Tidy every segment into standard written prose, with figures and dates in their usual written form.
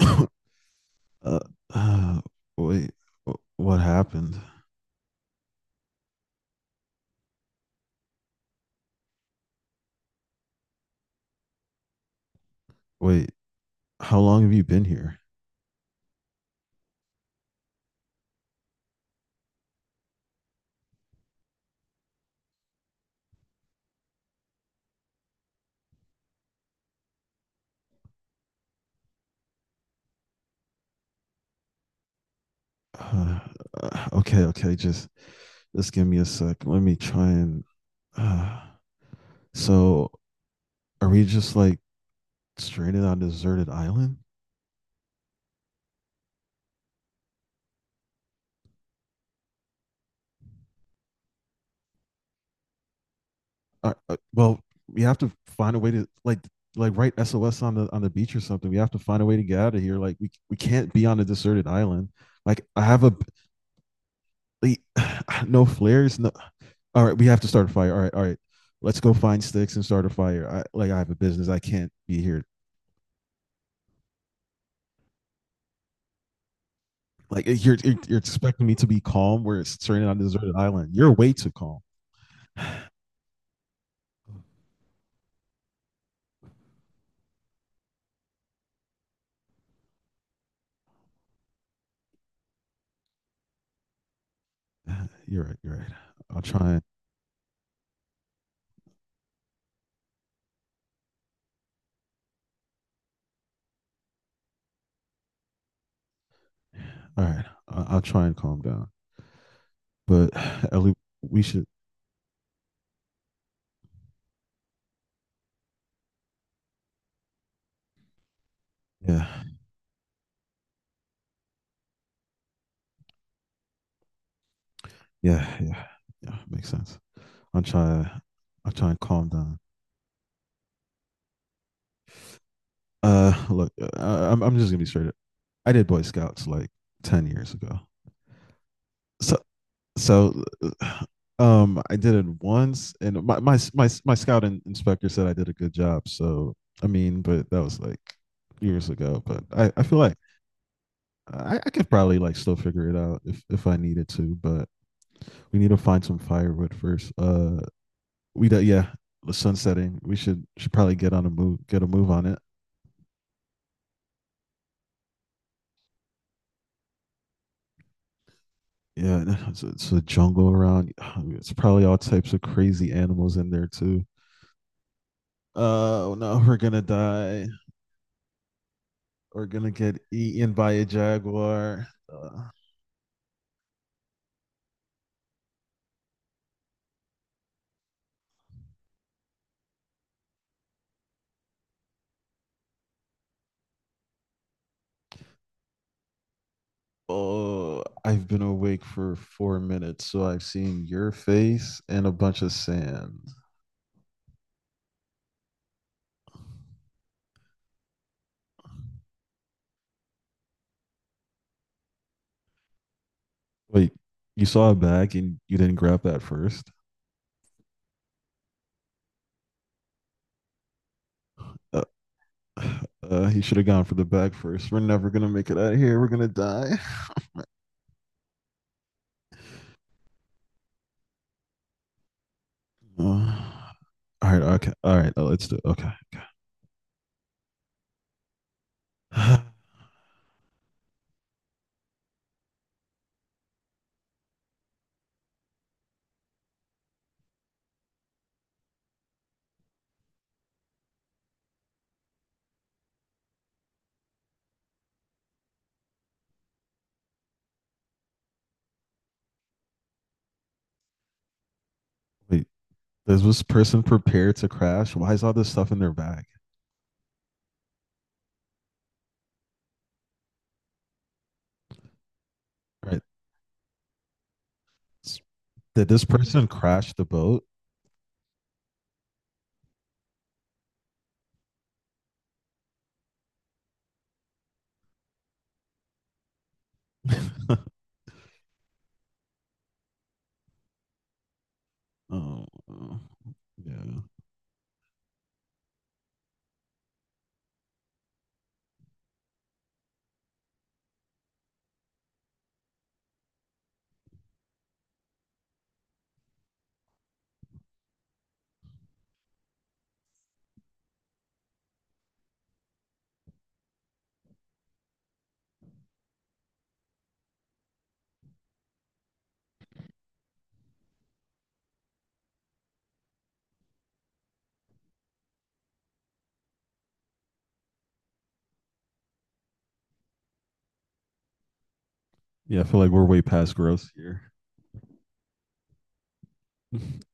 uh, uh, wait, what happened? Wait, how long have you been here? Uh, okay, okay, just give me a sec. Let me try and. Uh, so, are we just like stranded on a deserted island? Well, we have to find a way to like write SOS on the beach or something. We have to find a way to get out of here. Like we can't be on a deserted island. Like I have a like, no flares. No, all right, we have to start a fire. All right, let's go find sticks and start a fire. Like I have a business, I can't be here. Like you're expecting me to be calm where it's stranded on a deserted island. You're way too calm. You're right. You're right. I'll try and all right. I'll try and calm down. But at least we should. Yeah, yeah, yeah, yeah. Makes sense. I'll try. I'll try and calm down. Look, I'm just gonna be straight up. I did Boy Scouts like 10 years ago. So so I did it once and my scout inspector said I did a good job so I mean but that was like years ago but i feel like I could probably like still figure it out if i needed to but we need to find some firewood first we do, yeah the sun setting we should probably get a move on it yeah it's a jungle around it's probably all types of crazy animals in there too oh no we're gonna die are gonna get eaten by a jaguar. Oh, I've been awake for 4 minutes, so I've seen your face and a bunch of sand. Wait, you saw a bag and you didn't grab that first? Uh, he should have gone for the bag first. We're never gonna make it out of here. We're gonna die. Uh, all right, okay, all right. Let's do it. Okay. Wait, is this person prepared to crash? Why is all this stuff in their bag? All right. Did this person crash the boat? All Oh, oh, yeah. Yeah, I feel like we're way past gross here.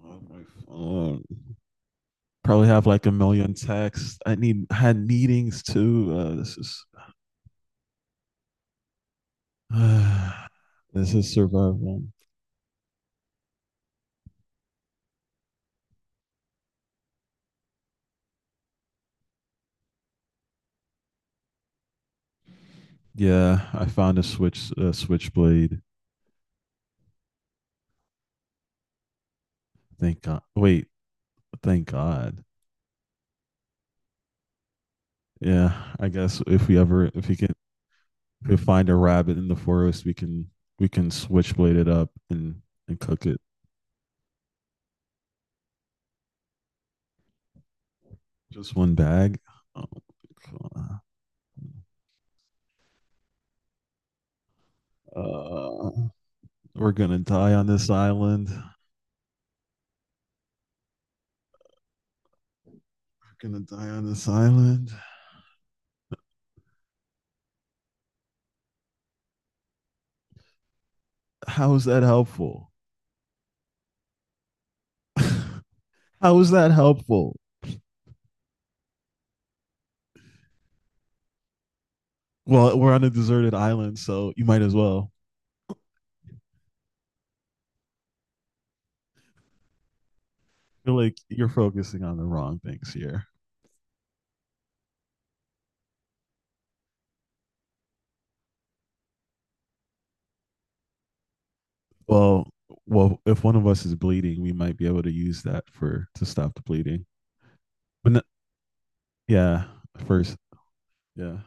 Oh my phone. Probably have like a million texts. I had meetings too. This is uh, this is survival. Yeah, I found a switchblade. Thank God. Wait, thank God. Yeah, I guess if we can if we find a rabbit in the forest, we can switchblade it up and cook it. Just one bag. Oh, God. Uh, we're gonna die on this island. We're gonna die on this island. How is that helpful? How is that helpful? Well, we're on a deserted island, so you might as well. I feel like you're focusing on the wrong things here. Well, well, if one of us is bleeding, we might be able to use that for to stop the bleeding. But no, yeah, first, yeah,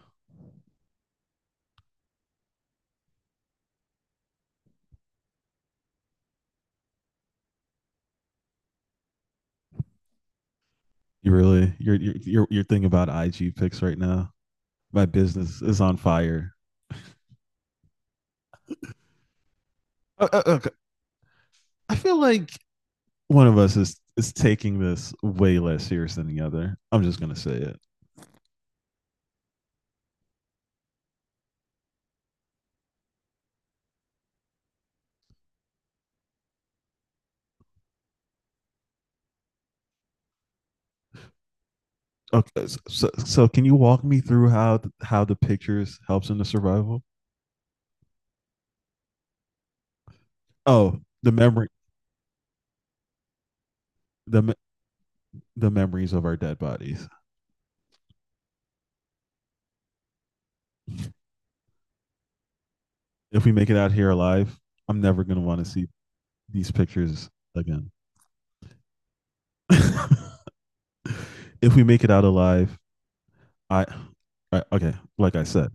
you really you're thinking about IG pics right now. My business is on fire. Okay. I feel like one of us is taking this way less serious than the other. I'm just gonna say it. Okay, can you walk me through how how the pictures helps in the survival? Oh, the memory, the me- the memories of our dead bodies. If we make it out here alive, I'm never gonna want to see these pictures again. If we make it out alive, I, I okay, like I said,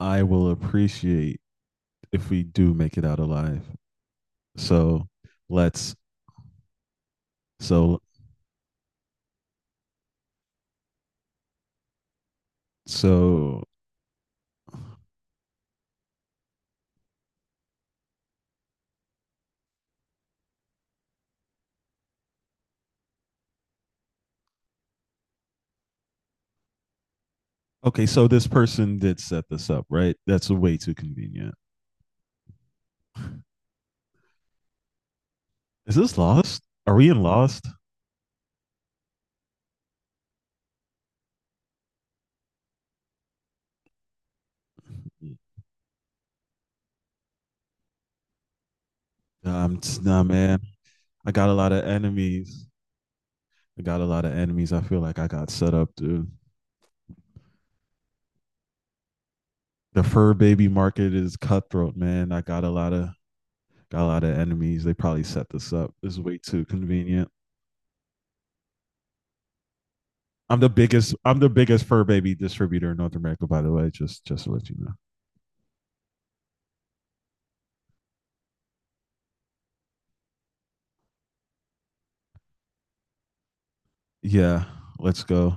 I will appreciate if we do make it out alive. So let's so so okay, so this person did set this up, right? That's way too convenient. Is this lost? Are we in lost? Nah, nah man. I got a lot of enemies. I got a lot of enemies. I feel like I got set up, dude. The fur baby market is cutthroat, man. I got a lot of Got a lot of enemies. They probably set this up. This is way too convenient. I'm the biggest fur baby distributor in North America, by the way. Just to let you know. Yeah, let's go.